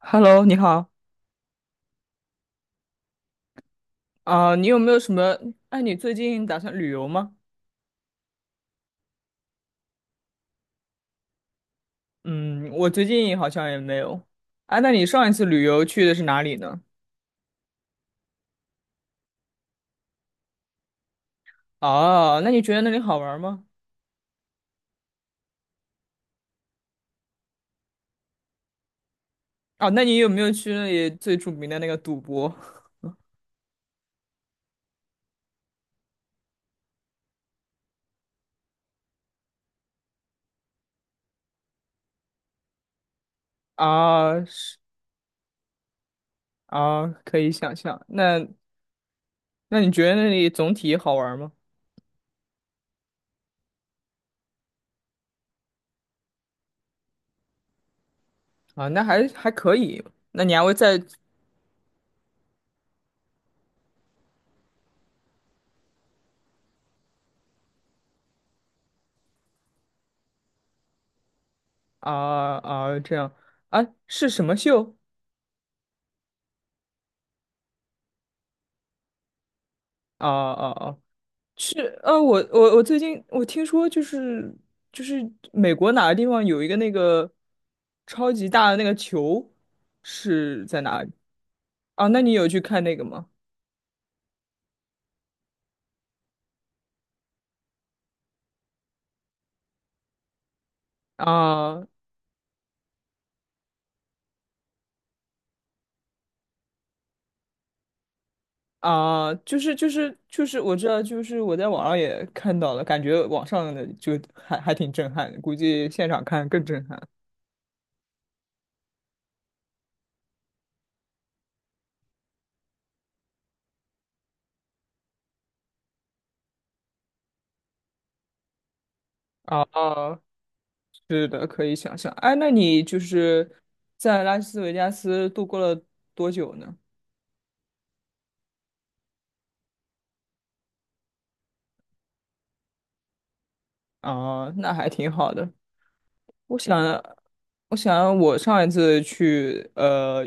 Hello，你好。啊，你有没有什么？哎，你最近打算旅游吗？嗯，我最近好像也没有。啊，那你上一次旅游去的是哪里呢？哦，那你觉得那里好玩吗？哦，那你有没有去那里最著名的那个赌博？啊，是啊，可以想象。那你觉得那里总体好玩吗？啊，那还可以。那你还会再。啊啊，这样。啊？是什么秀？啊啊啊！是，我最近我听说就是就是美国哪个地方有一个那个超级大的那个球是在哪里。啊？那你有去看那个吗？啊啊，就是，我知道，就是我在网上也看到了，感觉网上的就还挺震撼的，估计现场看更震撼。啊，是的，可以想象。哎，那你就是在拉斯维加斯度过了多久呢？啊，那还挺好的。我想，我想，我上一次去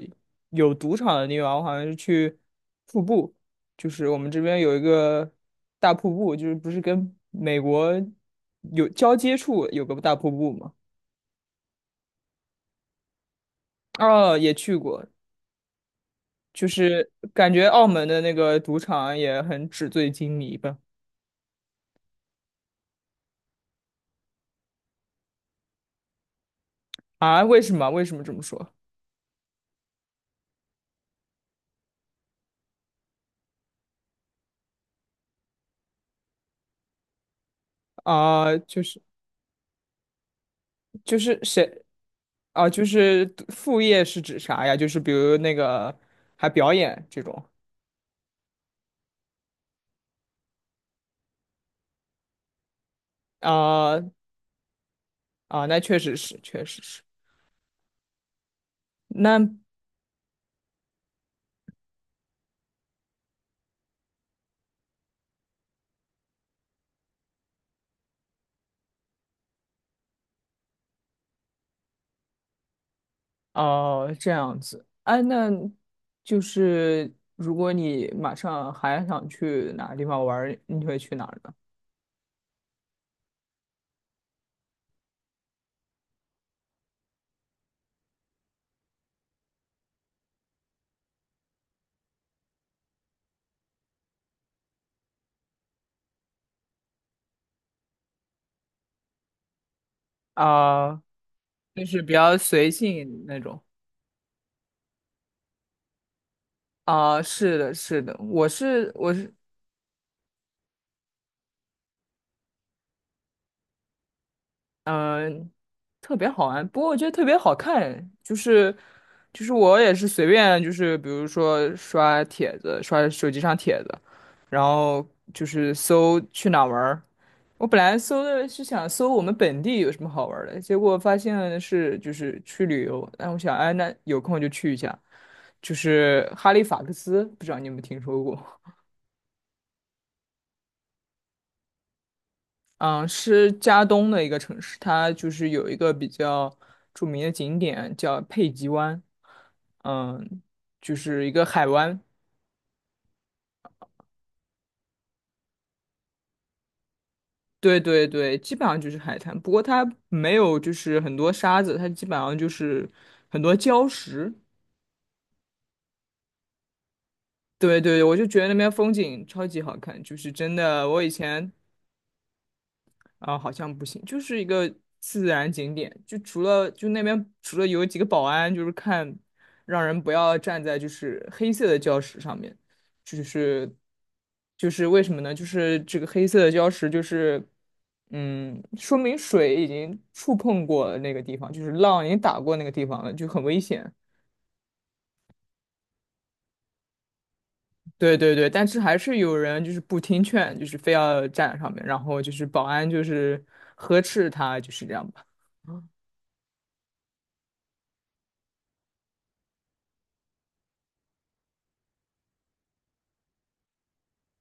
有赌场的地方，我好像是去瀑布，就是我们这边有一个大瀑布，就是不是跟美国有交接处有个大瀑布吗？哦，也去过，就是感觉澳门的那个赌场也很纸醉金迷吧？啊，为什么？为什么这么说？啊，就是。就是谁啊？就是副业是指啥呀？就是比如那个还表演这种。啊啊，那确实是，确实是。那。哦，这样子。哎，那就是如果你马上还想去哪个地方玩儿你会去哪儿呢？啊，就是比较随性那种。啊，是的，是的。我是我是嗯、呃特别好玩，不过我觉得特别好看，就是我也是随便，就是比如说刷帖子，刷手机上帖子，然后就是搜去哪儿玩儿。我本来搜的是想搜我们本地有什么好玩儿的，结果发现是就是去旅游，但我想，哎，那有空就去一下，就是哈利法克斯，不知道你有没有听说过？嗯，是加东的一个城市，它就是有一个比较著名的景点叫佩吉湾，嗯，就是一个海湾。对对对，基本上就是海滩，不过它没有就是很多沙子，它基本上就是很多礁石。对对，我就觉得那边风景超级好看，就是真的，我以前啊。好像不行，就是一个自然景点，就那边除了有几个保安，就是看让人不要站在就是黑色的礁石上面。就是就是为什么呢？就是这个黑色的礁石就是嗯，说明水已经触碰过了那个地方，就是浪已经打过那个地方了，就很危险。对对对，但是还是有人就是不听劝，就是非要站上面，然后就是保安就是呵斥他，就是这样吧。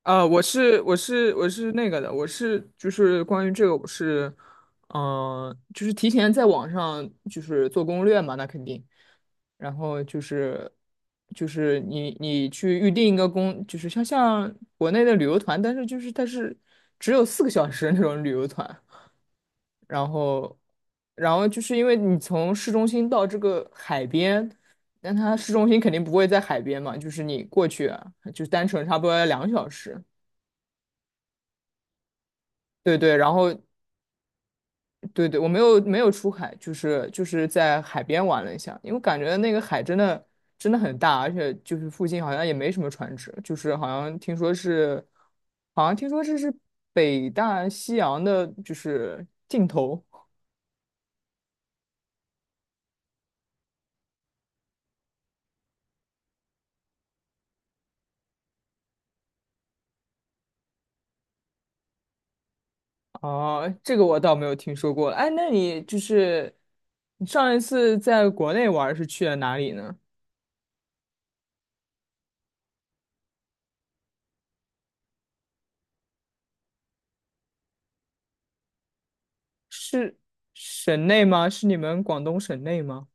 我是那个的，我是就是关于这个，我是，嗯、就是提前在网上就是做攻略嘛，那肯定。然后就是你去预定一个公，就是像国内的旅游团，但是就是它是只有4个小时那种旅游团。然后然后就是因为你从市中心到这个海边，但它市中心肯定不会在海边嘛，就是你过去啊就单程差不多要2个小时。对对，然后对对，我没有没有出海，就是在海边玩了一下，因为感觉那个海真的真的很大，而且就是附近好像也没什么船只，就是好像听说这是北大西洋的，就是尽头。哦，这个我倒没有听说过。哎，那你就是你上一次在国内玩儿是去了哪里呢？是省内吗？是你们广东省内吗？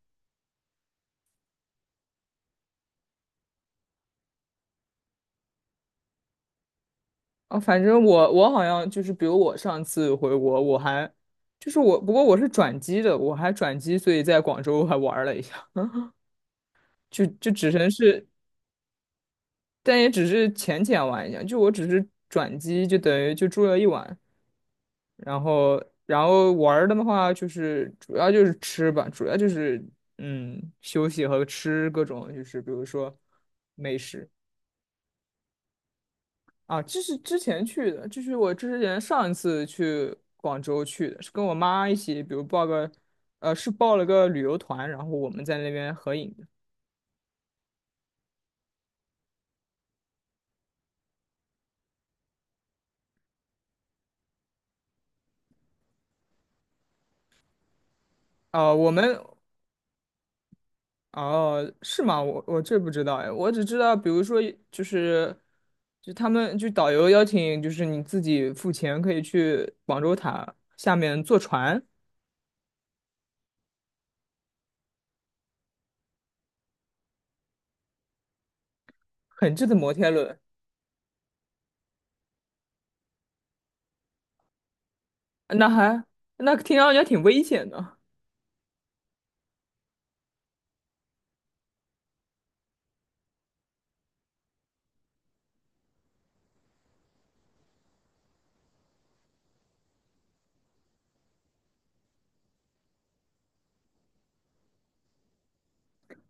啊，反正我好像就是，比如我上次回国，我还就是我，不过我是转机的，我还转机，所以在广州还玩了一下，就只能是，但也只是浅浅玩一下，就我只是转机，就等于就住了一晚。然后玩儿的话就是主要就是吃吧，主要就是休息和吃各种就是比如说美食。啊，这是之前去的，这是我之前上一次去广州去的，是跟我妈一起，比如是报了个旅游团，然后我们在那边合影的。哦、我们。哦，是吗？我这不知道哎，我只知道，比如说就是，就他们就导游邀请，就是你自己付钱可以去广州塔下面坐船，很近的摩天轮。那那听上去还挺危险的。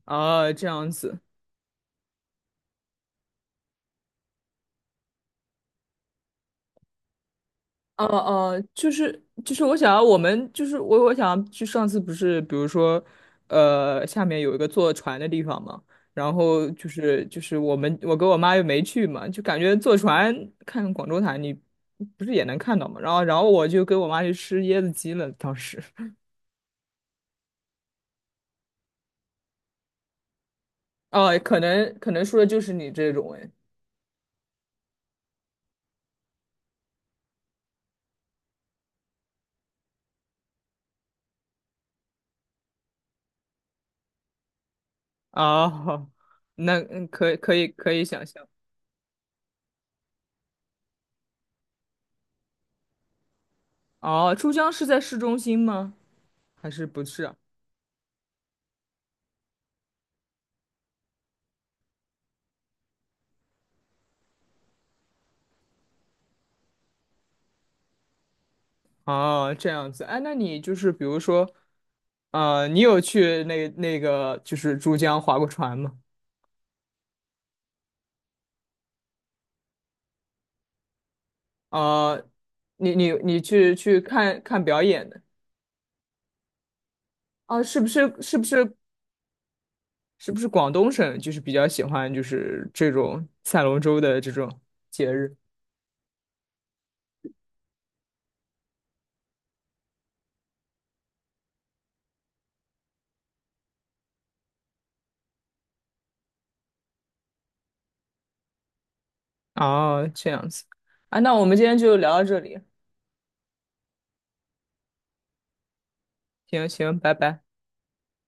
啊，这样子。就是，我想要去上次不是，比如说，下面有一个坐船的地方嘛，然后就是我跟我妈又没去嘛，就感觉坐船看广州塔，你不是也能看到嘛？然后我就跟我妈去吃椰子鸡了，当时。哦，可能说的就是你这种哎。哦，那可以想象。哦，珠江是在市中心吗？还是不是啊？哦，这样子，哎，那你就是比如说，你有去那个就是珠江划过船吗？呃，你去看看表演的。啊，是不是是不是是不是广东省就是比较喜欢就是这种赛龙舟的这种节日？哦，这样子，啊，那我们今天就聊到这里，行行，拜拜。